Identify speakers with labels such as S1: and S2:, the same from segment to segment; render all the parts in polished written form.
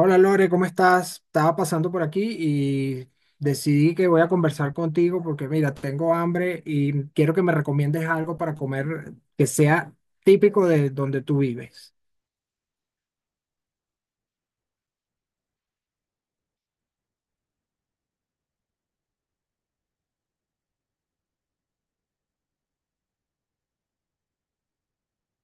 S1: Hola Lore, ¿cómo estás? Estaba pasando por aquí y decidí que voy a conversar contigo porque mira, tengo hambre y quiero que me recomiendes algo para comer que sea típico de donde tú vives.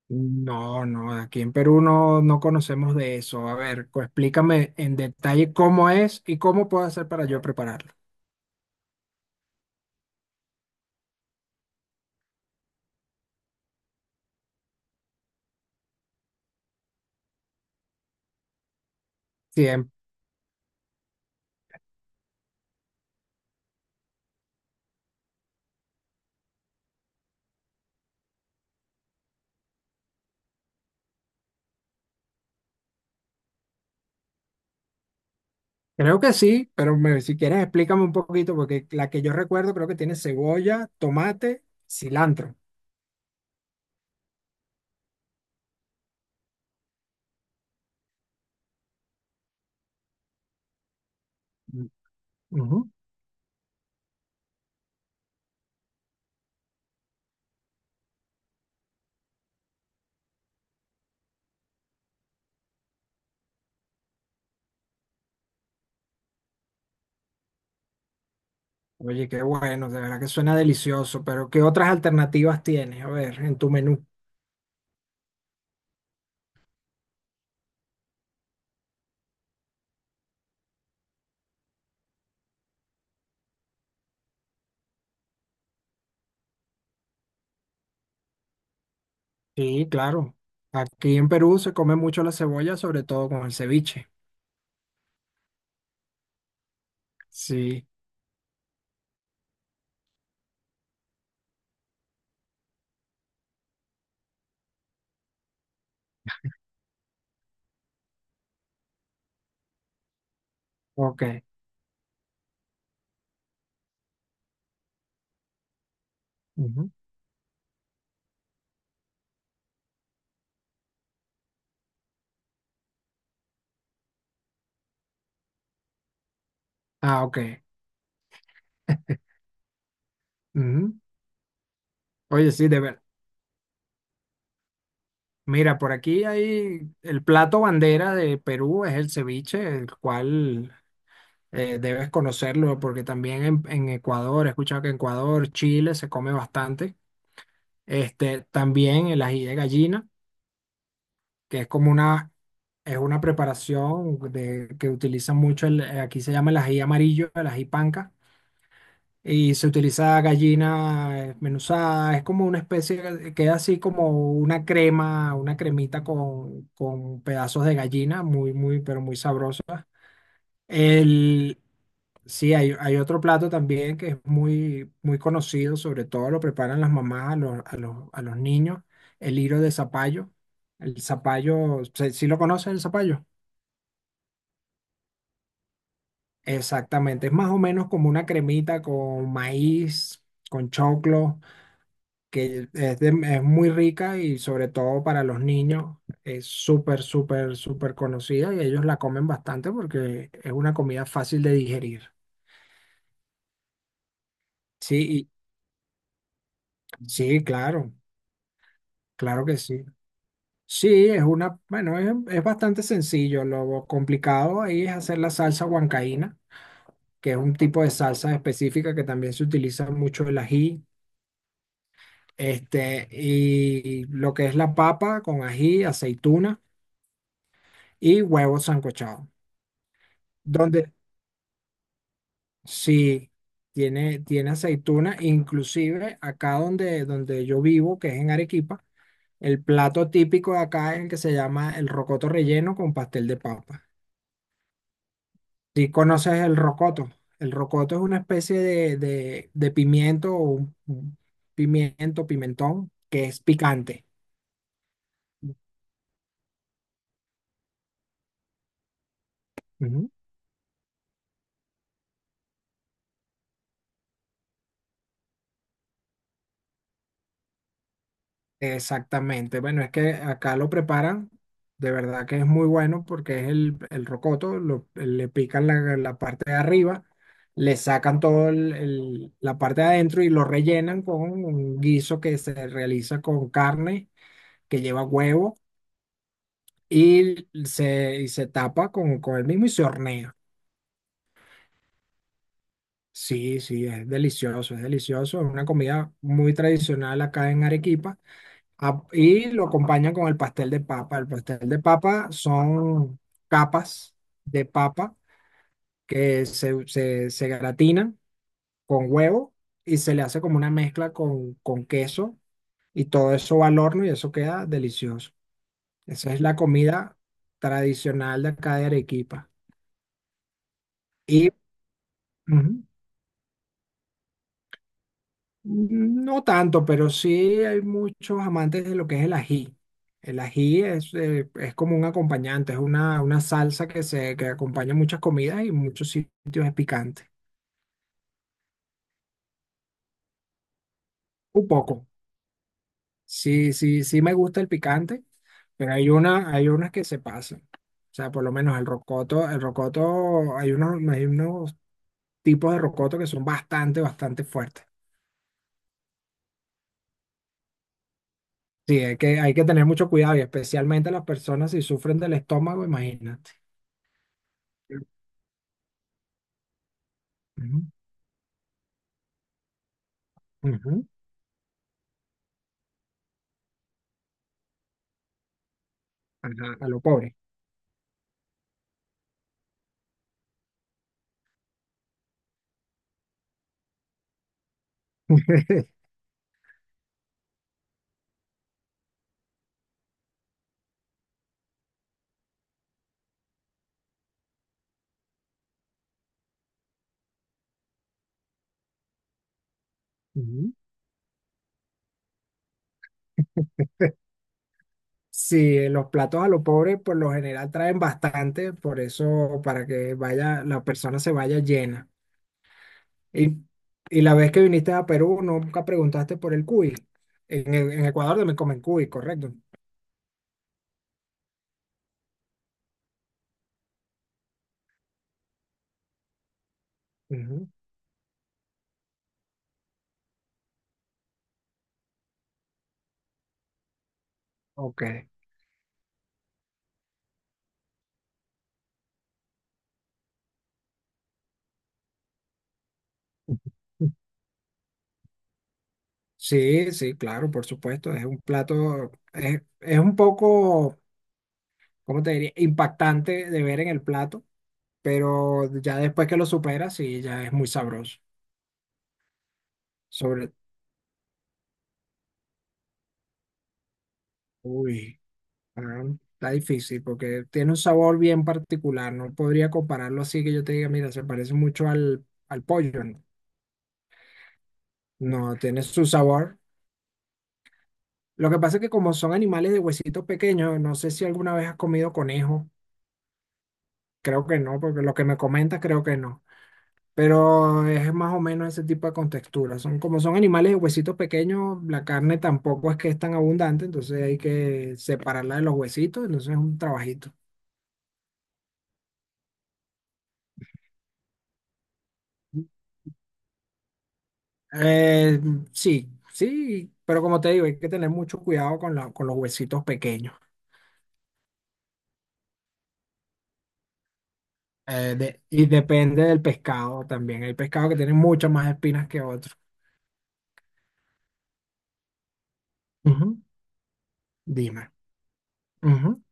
S1: No, no, aquí en Perú no, no conocemos de eso. A ver, explícame en detalle cómo es y cómo puedo hacer para yo prepararlo. Sí, creo que sí, pero si quieres explícame un poquito porque la que yo recuerdo creo que tiene cebolla, tomate, cilantro. Mm. Ujú. Oye, qué bueno, de verdad que suena delicioso, pero ¿qué otras alternativas tienes? A ver, en tu menú. Sí, claro. Aquí en Perú se come mucho la cebolla, sobre todo con el ceviche. Sí, ok. Ujú. Ah, ok. Ujú. Oye, sí, de ver. Mira, por aquí hay el plato bandera de Perú, es el ceviche, el cual debes conocerlo, porque también en, Ecuador, he escuchado que en Ecuador, Chile se come bastante. También el ají de gallina. Que es como una, es una preparación de, que utiliza mucho, aquí se llama el ají amarillo, el ají panca, y se utiliza gallina desmenuzada, es como una especie, queda así como una crema, una cremita con, pedazos de gallina, muy, muy, pero muy sabrosa. El, sí, hay otro plato también que es muy, muy conocido, sobre todo lo preparan las mamás a los, a los niños, el hilo de zapallo. El zapallo, ¿sí sí lo conoces el zapallo? Exactamente, es más o menos como una cremita con maíz, con choclo, que es muy rica y sobre todo para los niños es súper, súper, súper conocida y ellos la comen bastante porque es una comida fácil de digerir. Sí, sí, claro. Claro que sí. Sí, es una, bueno, es bastante sencillo. Lo complicado ahí es hacer la salsa huancaína, que es un tipo de salsa específica que también se utiliza mucho el ají, y lo que es la papa con ají, aceituna y huevos sancochados. Donde sí tiene aceituna, inclusive acá donde, yo vivo, que es en Arequipa, el plato típico de acá es el que se llama el rocoto relleno con pastel de papa. Si conoces el rocoto es una especie de pimiento, o un pimiento, pimentón, que es picante. Ujú. Exactamente. Bueno, es que acá lo preparan, de verdad que es muy bueno porque es el rocoto, le pican la parte de arriba, le sacan todo la parte de adentro y lo rellenan con un guiso que se realiza con carne, que lleva huevo y se tapa con, el mismo y se hornea. Sí, sí, es delicioso, es delicioso. Es una comida muy tradicional acá en Arequipa. Ah, y lo acompañan con el pastel de papa. El pastel de papa son capas de papa que se gratinan con huevo y se le hace como una mezcla con queso y todo eso va al horno y eso queda delicioso. Esa es la comida tradicional de acá de Arequipa. Y, Ujú. No tanto, pero sí hay muchos amantes de lo que es el ají. El ají es como un acompañante, es una salsa que acompaña muchas comidas y en muchos sitios es picante. Un poco. Sí, sí, sí me gusta el picante, pero hay unas que se pasan. O sea, por lo menos el rocoto, hay unos tipos de rocoto que son bastante, bastante fuertes. Sí, hay que tener mucho cuidado y especialmente las personas si sufren del estómago, imagínate. Ujú. Ujú. Ajá, a lo pobre. Ujú. Sí, los platos a lo pobre por lo general traen bastante, por eso para que vaya, la persona se vaya llena. Y, y la vez que viniste a Perú nunca preguntaste por el cuy. En Ecuador también comen cuy, correcto. Ujú. Ok. Sí, sí, claro, por supuesto. Es un plato, es un poco, ¿cómo te diría? Impactante de ver en el plato, pero ya después que lo superas, sí, ya es muy sabroso. Sobre, uy, ah, Está difícil porque tiene un sabor bien particular. No podría compararlo así que yo te diga, mira, se parece mucho al pollo. No, no, tiene su sabor. Lo que pasa es que como son animales de huesitos pequeños, no sé si alguna vez has comido conejo. Creo que no, porque lo que me comentas creo que no. Pero es más o menos ese tipo de contextura. Como son animales de huesitos pequeños, la carne tampoco es que es tan abundante, entonces hay que separarla de los huesitos, entonces es un trabajito. Eh, sí, sí, pero como te digo, hay que tener mucho cuidado con los huesitos pequeños. Y depende del pescado también. Hay pescados que tienen muchas más espinas que otros. Ujú, dime. Ujú.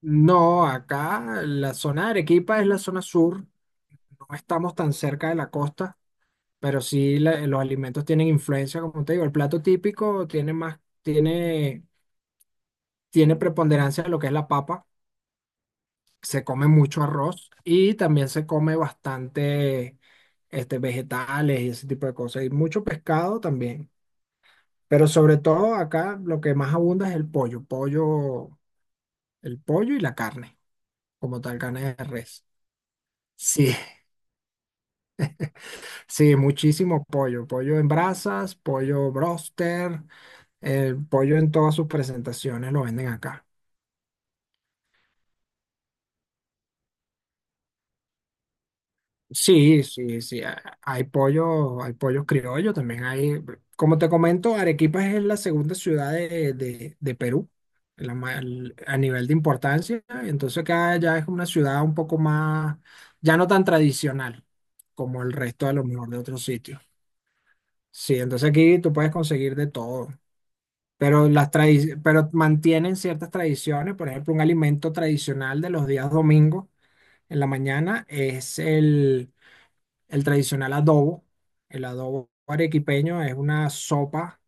S1: No, acá la zona de Arequipa es la zona sur. No estamos tan cerca de la costa, pero sí los alimentos tienen influencia, como te digo. El plato típico tiene más, tiene preponderancia de lo que es la papa. Se come mucho arroz y también se come bastante vegetales y ese tipo de cosas, y mucho pescado también. Pero sobre todo acá lo que más abunda es el pollo y la carne, como tal, carne de res. Sí, sí, muchísimo pollo, pollo en brasas, pollo broster, el pollo en todas sus presentaciones lo venden acá. Sí, sí, sí. Hay pollo, hay pollos criollos, también hay, como te comento, Arequipa es la segunda ciudad de Perú a nivel de importancia. Entonces acá ya es una ciudad un poco más, ya no tan tradicional como el resto de lo mejor de otros sitios. Sí, entonces aquí tú puedes conseguir de todo, pero pero mantienen ciertas tradiciones. Por ejemplo, un alimento tradicional de los días domingos en la mañana es el tradicional adobo. El adobo arequipeño es una sopa,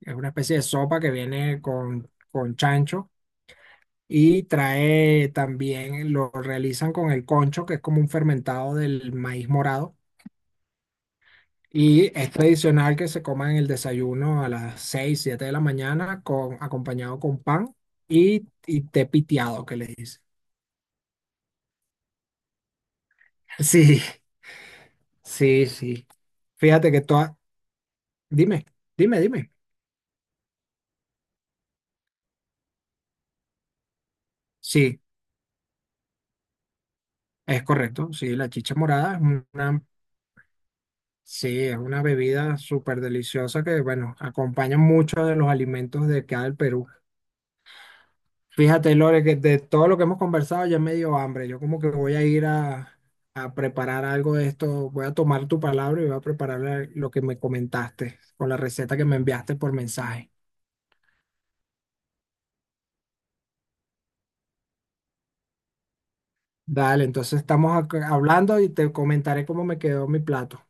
S1: es una especie de sopa que viene con, chancho y trae también, lo realizan con el concho, que es como un fermentado del maíz morado. Y es tradicional que se coma en el desayuno a las 6 7 de la mañana, acompañado con pan y, té piteado, que le dicen. Sí, sí, sí. Fíjate que todas. Dime, dime, dime. Sí, es correcto, sí, la chicha morada una, sí, es una bebida súper deliciosa que, bueno, acompaña muchos de los alimentos de acá del Perú. Fíjate, Lore, que de todo lo que hemos conversado ya me dio hambre. Yo como que voy a ir a preparar algo de esto. Voy a tomar tu palabra y voy a preparar lo que me comentaste con la receta que me enviaste por mensaje. Dale, entonces estamos acá hablando y te comentaré cómo me quedó mi plato.